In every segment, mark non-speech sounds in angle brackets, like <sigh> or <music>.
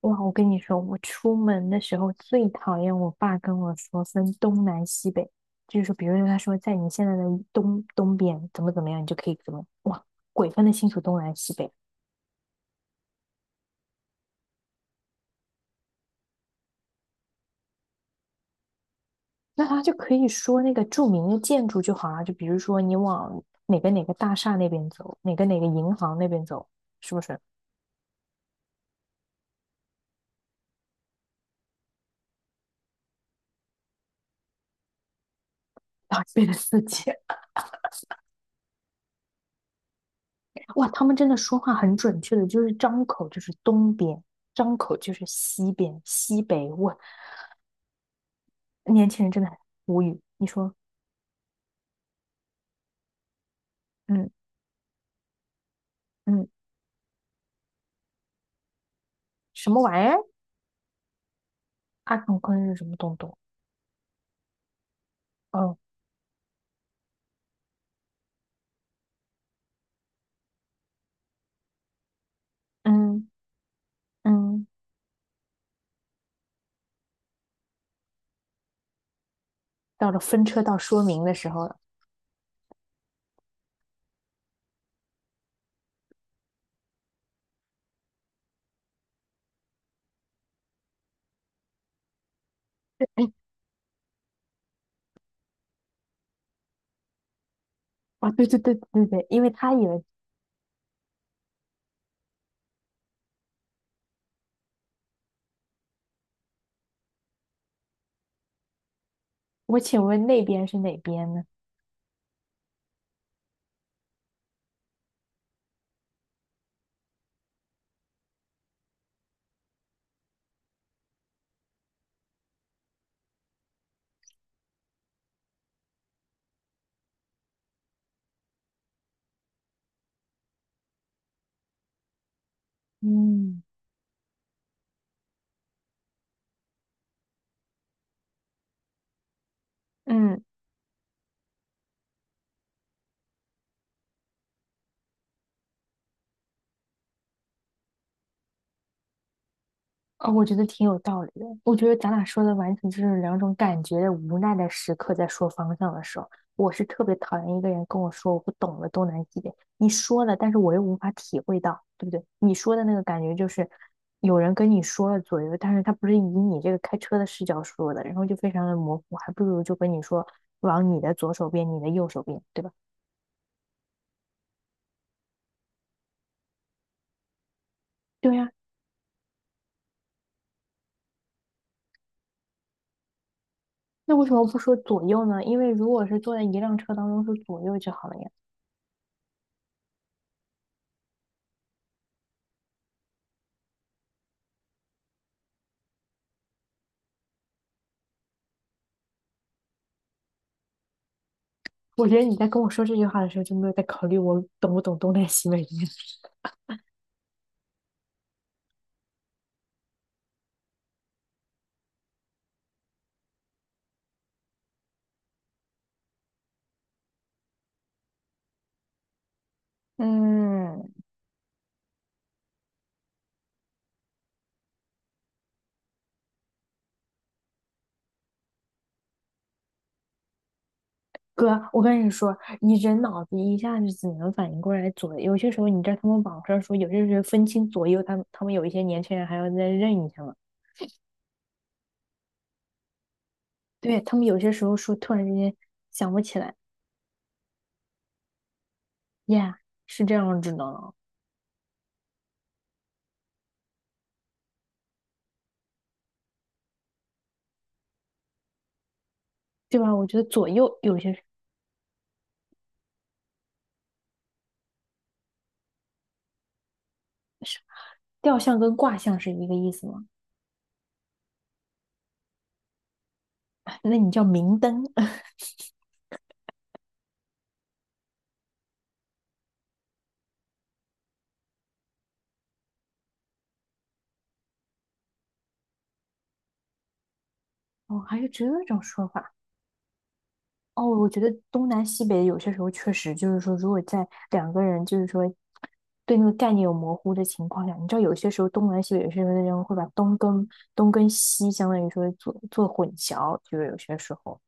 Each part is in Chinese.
哇，我跟你说，我出门的时候最讨厌我爸跟我说分东南西北，就是说，比如说他说在你现在的东边怎么怎么样，你就可以怎么，哇，鬼分得清楚东南西北，那他就可以说那个著名的建筑就好啊，就比如说你往哪个大厦那边走，哪个银行那边走，是不是？<laughs> 啊，变得四界，哇，他们真的说话很准确的，就是张口就是东边，张口就是西边，西北，哇，年轻人真的很无语，你说。嗯嗯，什么玩意儿？二抗昆是什么东东？哦，嗯嗯，到了分车道说明的时候了。啊，对对对对对，因为他以为，我请问那边是哪边呢？嗯。嗯。啊、我觉得挺有道理的。我觉得咱俩说的完全就是两种感觉的无奈的时刻，在说方向的时候，我是特别讨厌一个人跟我说我不懂的东南西北。你说了，但是我又无法体会到，对不对？你说的那个感觉就是有人跟你说了左右，但是他不是以你这个开车的视角说的，然后就非常的模糊，还不如就跟你说往你的左手边，你的右手边，对吧？对呀、那为什么不说左右呢？因为如果是坐在一辆车当中，说左右就好了呀。我觉得你在跟我说这句话的时候，就没有在考虑我懂不懂东南西北面。嗯，哥，我跟你说，你人脑子一下子只能反应过来左，有些时候你知道他们网上说，有些时候分清左右，他们有一些年轻人还要再认一下嘛。对，他们有些时候说突然之间想不起来。 y， 是这样子的，对吧？我觉得左右有些是，吊象跟卦象是一个意思嘛，哎那你叫明灯。 <laughs> 哦，还有这种说法。哦，我觉得东南西北有些时候确实就是说，如果在两个人就是说对那个概念有模糊的情况下，你知道有些时候东南西北有些时候人会把东跟西相当于说做混淆，就是有些时候，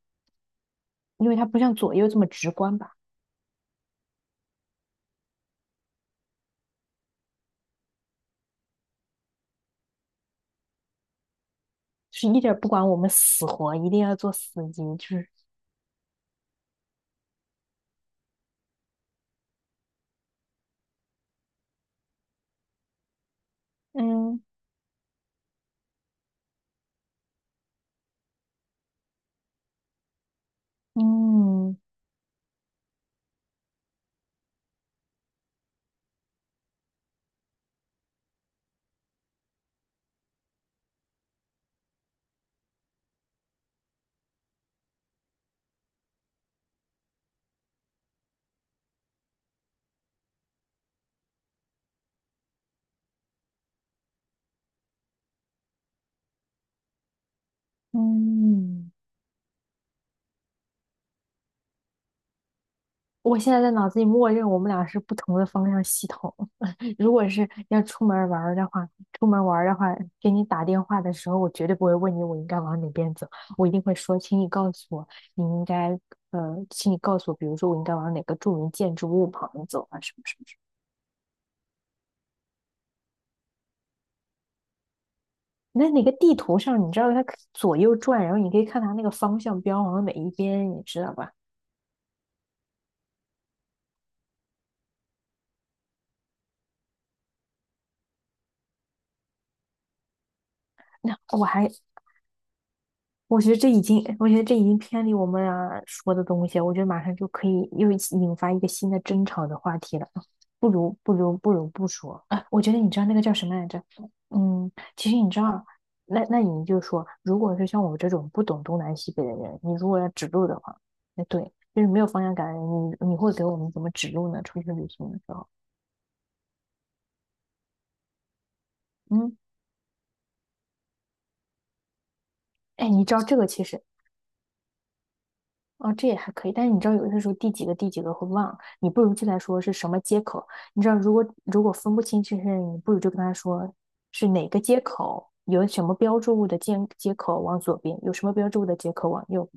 因为它不像左右这么直观吧，就是一点儿不管我们死活，一定要做司机，就是嗯嗯嗯。我现在在脑子里默认我们俩是不同的方向系统。<laughs> 如果是要出门玩儿的话，出门玩儿的话，给你打电话的时候，我绝对不会问你我应该往哪边走，我一定会说，请你告诉我，你应该请你告诉我，比如说我应该往哪个著名建筑物旁走啊，什么什么什么。那哪个地图上，你知道它可以左右转，然后你可以看它那个方向标往哪一边，你知道吧？<laughs> 那我还，我觉得这已经，我觉得这已经偏离我们俩说的东西了。我觉得马上就可以又引发一个新的争吵的话题了。<sucks teeth> 不如不说。啊，我觉得你知道那个叫什么来着？嗯，其实你知道，那你就说，如果是像我这种不懂东南西北的人，你如果要指路的话，那对，就是没有方向感的人，你会给我们怎么指路呢？出去旅行的时候，嗯，哎，你知道这个其实。哦，这也还可以，但是你知道，有些时候第几个会忘，你不如就来说是什么接口。你知道，如果分不清这些人，你不如就跟他说是哪个接口，有什么标志物的接口往左边，有什么标志物的接口往右。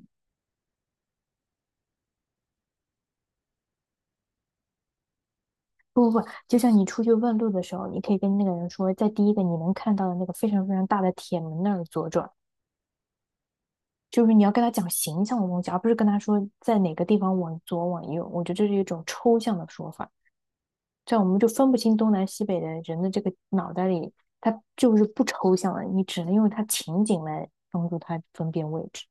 不，就像你出去问路的时候，你可以跟那个人说，在第一个你能看到的那个非常非常大的铁门那儿左转，就是你要跟他讲形象的东西，而不是跟他说在哪个地方往左往右。我觉得这是一种抽象的说法。这样我们就分不清东南西北的人的这个脑袋里，它就是不抽象的，你只能用它情景来帮助它分辨位置，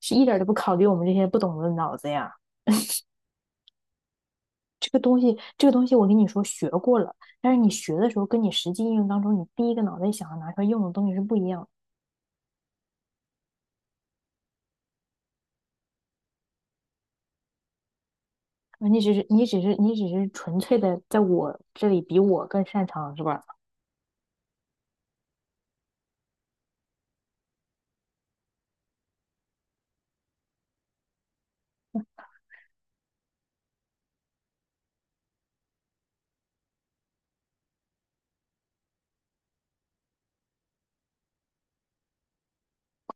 是一点都不考虑我们这些不懂的脑子呀。这个东西，这个东西我跟你说学过了，但是你学的时候跟你实际应用当中，你第一个脑袋想要拿出来用的东西是不一样的。你只是纯粹的在我这里比我更擅长是吧？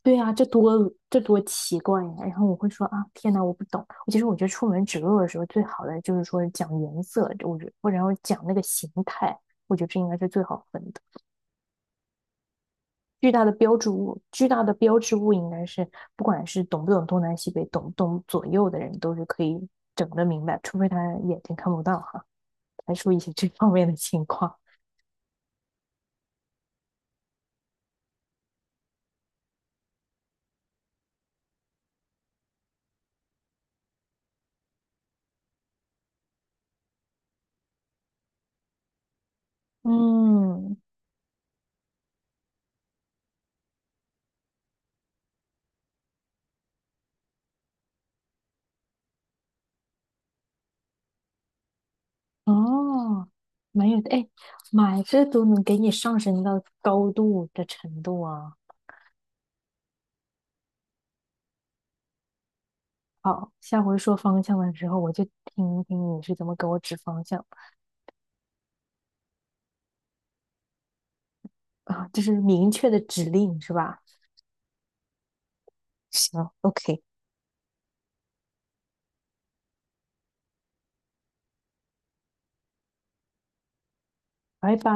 对啊，这多奇怪呀！然后我会说啊，天呐，我不懂。其实我觉得出门指路的时候，最好的就是说讲颜色，我觉或者然后讲那个形态，我觉得这应该是最好分的。巨大的标志物应该是不管是懂不懂东南西北，懂不懂左右的人都是可以整得明白，除非他眼睛看不到哈，排除一些 <laughs> 这方面的情况。嗯，哦，没有的，哎，妈这都能给你上升到高度的程度啊！好，下回说方向的时候，我就听一听你是怎么给我指方向啊，<laughs> 就是明确的指令是吧？行，OK，拜拜。